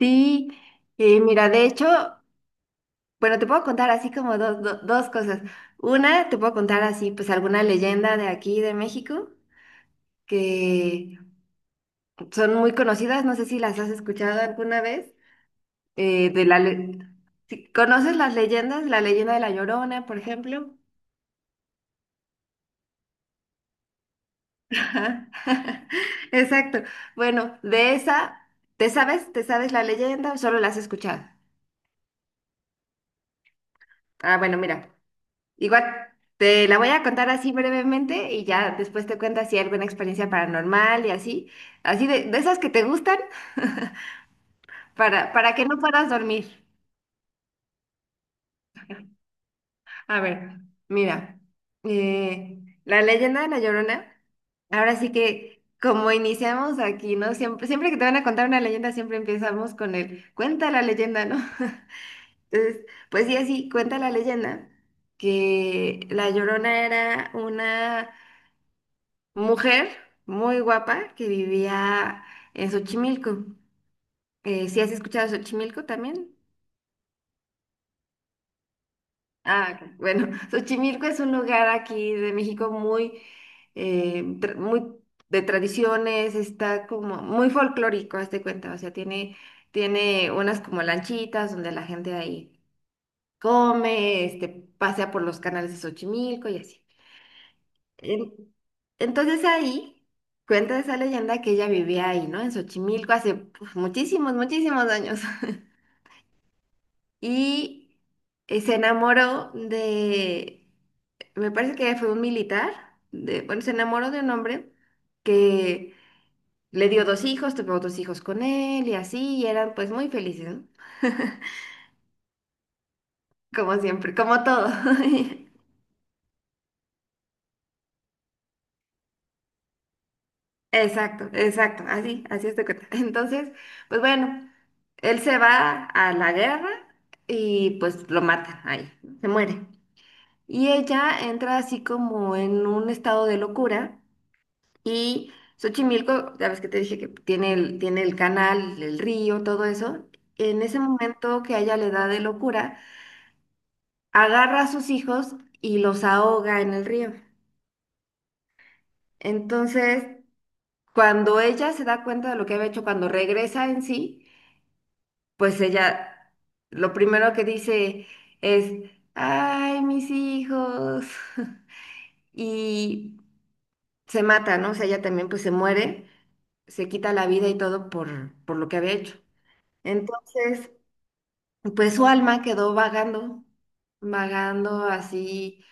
Sí, mira, de hecho, bueno, te puedo contar así como dos, dos cosas. Una, te puedo contar así, pues alguna leyenda de aquí de México que son muy conocidas, no sé si las has escuchado alguna vez, eh, de la le- si, ¿conoces las leyendas? La leyenda de la Llorona, por ejemplo. Exacto. Bueno, de esa, ¿te sabes? ¿Te sabes la leyenda o solo la has escuchado? Ah, bueno, mira. Igual te la voy a contar así brevemente y ya después te cuento si hay alguna experiencia paranormal y así, así de esas que te gustan para que no puedas dormir. A ver, mira, eh, la leyenda de La Llorona, ahora sí que como iniciamos aquí, ¿no? Siempre, siempre que te van a contar una leyenda, siempre empezamos con el cuenta la leyenda, ¿no? Entonces, pues sí, así cuenta la leyenda que La Llorona era una mujer muy guapa que vivía en Xochimilco. ¿Sí has escuchado de Xochimilco también? Ah, ok. Bueno, Xochimilco es un lugar aquí de México muy, muy de tradiciones, está como muy folclórico, haz de cuenta, o sea, tiene, unas como lanchitas donde la gente ahí come, pasea por los canales de Xochimilco y así. En- Entonces ahí cuenta esa leyenda que ella vivía ahí, ¿no? En Xochimilco hace, pues, muchísimos, muchísimos años. Y se enamoró de, me parece que fue un militar, de, bueno, se enamoró de un hombre que le dio dos hijos, tuvo dos hijos con él y así, y eran pues muy felices, ¿no? Como siempre, como todo. Exacto, exacto, así, así es de cuenta. Entonces, pues bueno, él se va a la guerra y pues lo matan ahí, se muere. Y ella entra así como en un estado de locura y Xochimilco, ya ves que te dije que tiene el canal, el río, todo eso. En ese momento que a ella le da de locura, agarra a sus hijos y los ahoga en el río. Entonces, cuando ella se da cuenta de lo que había hecho, cuando regresa en sí, pues ella lo primero que dice es, ay, mis hijos. Y se mata, ¿no? O sea, ella también pues se muere, se quita la vida y todo por lo que había hecho. Entonces, pues su alma quedó vagando, vagando así,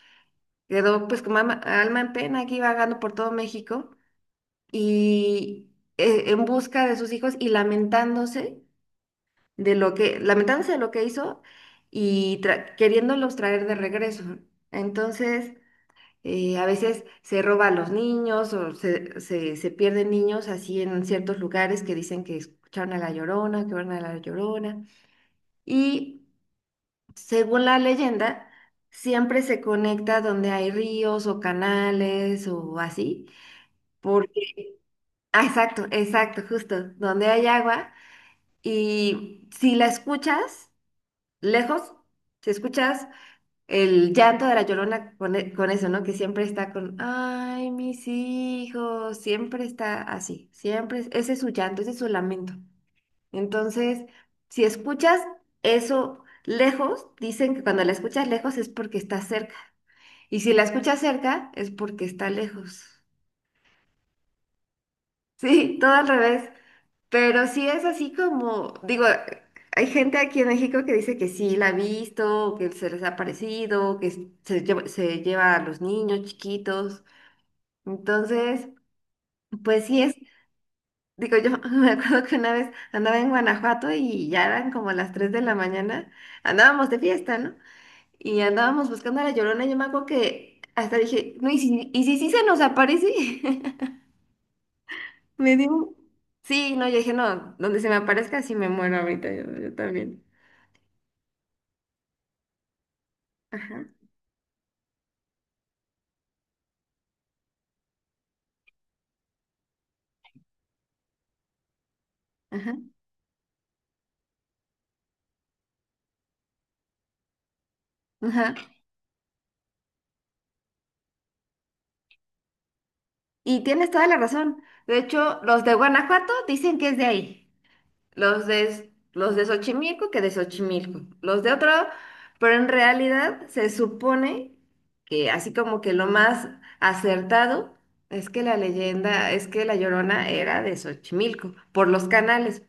quedó pues como alma en pena aquí vagando por todo México y en busca de sus hijos y lamentándose de lo que, lamentándose de lo que hizo y queriéndolos traer de regreso. Entonces, a veces se roba a los niños o se pierden niños así en ciertos lugares que dicen que escucharon a la Llorona, que vieron a la Llorona. Y según la leyenda, siempre se conecta donde hay ríos o canales o así. Porque, ah, exacto, exacto, justo, donde hay agua. Y si la escuchas, lejos, si escuchas el llanto de la Llorona con, con eso, ¿no? Que siempre está con, ay, mis hijos, siempre está así, siempre, ese es su llanto, ese es su lamento. Entonces, si escuchas eso lejos, dicen que cuando la escuchas lejos es porque está cerca. Y si la escuchas cerca, es porque está lejos. Sí, todo al revés. Pero sí es así como, digo, hay gente aquí en México que dice que sí la ha visto, que se les ha parecido, que se lleva a los niños chiquitos. Entonces, pues sí es, digo, yo me acuerdo que una vez andaba en Guanajuato y ya eran como las 3 de la mañana, andábamos de fiesta, ¿no? Y andábamos buscando a la Llorona, yo me acuerdo que hasta dije, no, y si sí se nos aparece? Me dio... Sí, no, yo dije, no, donde se me aparezca sí me muero ahorita, yo también. Ajá, ajá, ajá. Y tienes toda la razón. De hecho, los de Guanajuato dicen que es de ahí. Los de Xochimilco, que de Xochimilco. Los de otro, pero en realidad se supone que así como que lo más acertado es que la leyenda, es que la Llorona era de Xochimilco, por los canales,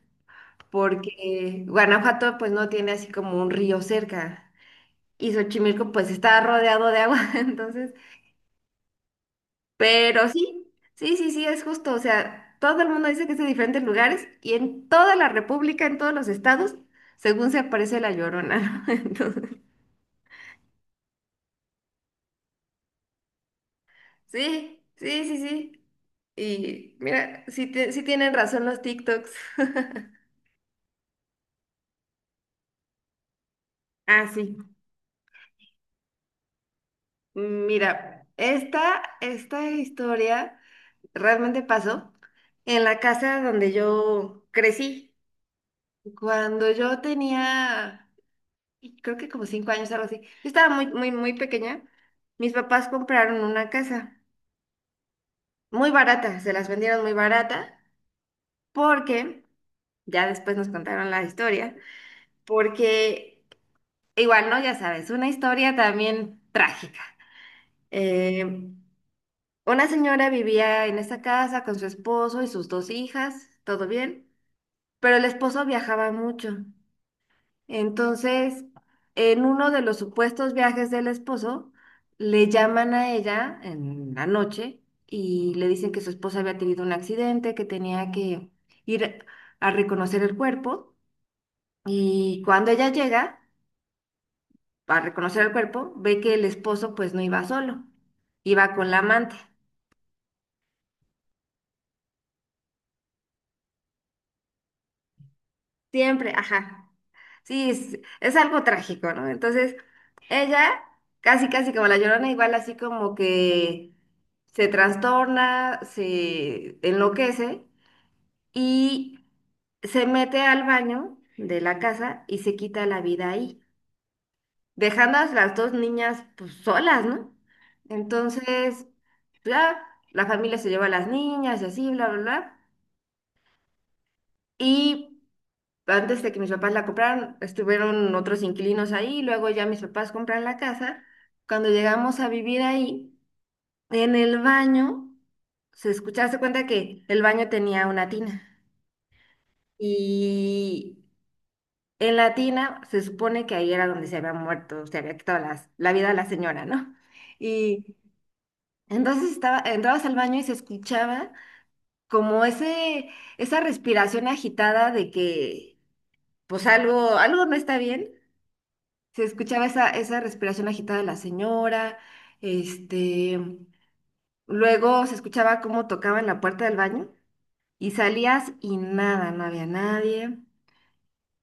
porque Guanajuato pues no tiene así como un río cerca. Y Xochimilco pues está rodeado de agua, entonces. Pero sí, sí, sí, sí, es justo. O sea, todo el mundo dice que es de diferentes lugares y en toda la República, en todos los estados, según se aparece la Llorona, ¿no? Entonces, sí, sí, sí, sí. Y mira, sí, sí tienen razón los TikToks. Ah, sí. Mira, esta historia realmente pasó en la casa donde yo crecí. Cuando yo tenía... creo que como 5 años, algo así. Yo estaba muy, muy, muy pequeña. Mis papás compraron una casa muy barata, se las vendieron muy barata, porque ya después nos contaron la historia, porque igual, ¿no? Ya sabes, una historia también trágica. Eh, una señora vivía en esa casa con su esposo y sus dos hijas, todo bien, pero el esposo viajaba mucho. Entonces, en uno de los supuestos viajes del esposo, le llaman a ella en la noche y le dicen que su esposa había tenido un accidente, que tenía que ir a reconocer el cuerpo. Y cuando ella llega a reconocer el cuerpo, ve que el esposo pues no iba solo, iba con la amante. Siempre, ajá. Sí, es algo trágico, ¿no? Entonces, ella, casi, casi como la Llorona, igual así como que se trastorna, se enloquece y se mete al baño de la casa y se quita la vida ahí, dejando a las dos niñas pues, solas, ¿no? Entonces, ya, la familia se lleva a las niñas y así, bla, bla, bla. Y antes de que mis papás la compraran, estuvieron otros inquilinos ahí, luego ya mis papás compran la casa. Cuando llegamos a vivir ahí, en el baño, se escuchaba, se cuenta que el baño tenía una tina. Y en la tina se supone que ahí era donde se había muerto, se había quitado la vida a la señora, ¿no? Y entonces estaba, entrabas al baño y se escuchaba como ese, esa respiración agitada de que pues algo, algo no está bien. Se escuchaba esa, esa respiración agitada de la señora, este, luego se escuchaba cómo tocaban la puerta del baño y salías y nada, no había nadie,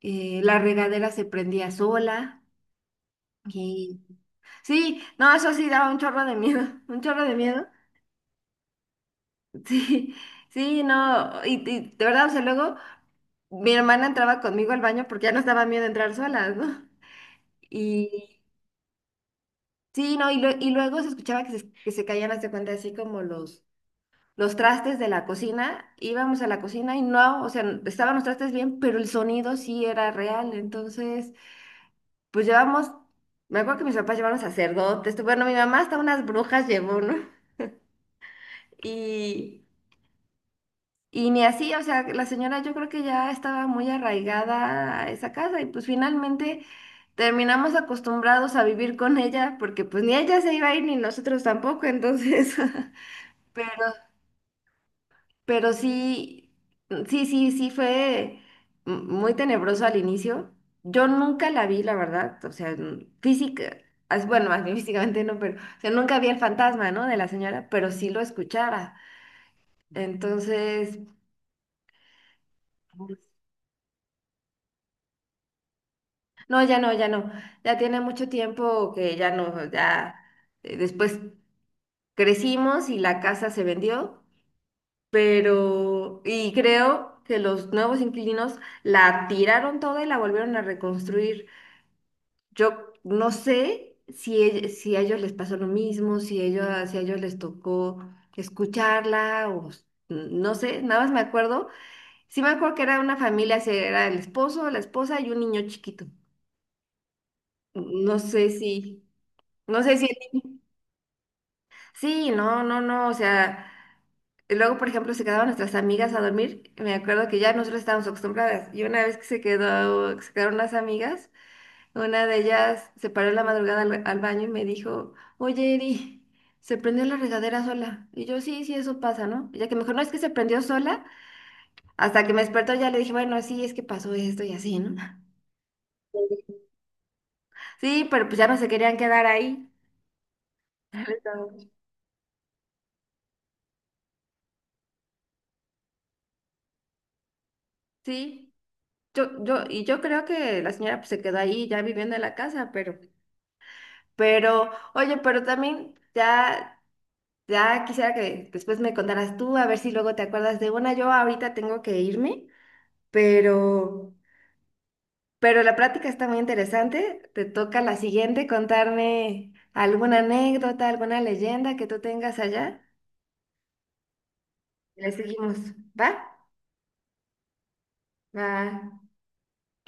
la regadera se prendía sola y sí, no, eso sí daba un chorro de miedo, un chorro de miedo, sí, sí, no, y de verdad, o sea, luego mi hermana entraba conmigo al baño porque ya nos daba miedo entrar solas, ¿no? Y sí, no, y, y luego se escuchaba que se, caían, hasta cuenta, así como los trastes de la cocina, íbamos a la cocina y no, o sea, estaban los trastes bien, pero el sonido sí era real. Entonces, pues llevamos, me acuerdo que mis papás llevaron sacerdotes, bueno, mi mamá hasta unas brujas llevó, ¿no? Y, y ni así, o sea, la señora yo creo que ya estaba muy arraigada a esa casa y pues finalmente terminamos acostumbrados a vivir con ella porque pues ni ella se iba a ir ni nosotros tampoco, entonces... Pero sí, sí, sí, sí fue muy tenebroso al inicio. Yo nunca la vi, la verdad. O sea, física, bueno, más bien físicamente no, pero o sea, nunca vi el fantasma, ¿no? De la señora, pero sí lo escuchaba. Entonces, no, ya no, ya no. Ya tiene mucho tiempo que ya no, ya después crecimos y la casa se vendió, pero, y creo que los nuevos inquilinos la tiraron toda y la volvieron a reconstruir. Yo no sé si, si a ellos les pasó lo mismo, si, ellos, si a ellos les tocó escucharla o no sé, nada más me acuerdo. Sí me acuerdo que era una familia, si era el esposo, la esposa y un niño chiquito. No sé si, no sé si, sí, no, no, no, o sea, y luego, por ejemplo, se quedaban nuestras amigas a dormir, me acuerdo que ya nosotros estábamos acostumbradas y una vez que se quedó, se quedaron las amigas. Una de ellas se paró en la madrugada al baño y me dijo, oye, Eri, se prendió la regadera sola. Y yo, sí, sí, eso pasa, ¿no? Ya que mejor no es que se prendió sola. Hasta que me despertó ya le dije, bueno, sí, es que pasó esto y así, ¿no? Sí, pero pues ya no se querían quedar ahí. Sí, yo, y yo creo que la señora pues, se quedó ahí ya viviendo en la casa, pero, oye, pero también ya, ya quisiera que después me contaras tú, a ver si luego te acuerdas de una. Yo ahorita tengo que irme. Pero, la práctica está muy interesante. Te toca la siguiente contarme alguna anécdota, alguna leyenda que tú tengas allá. Le seguimos, ¿va? Va.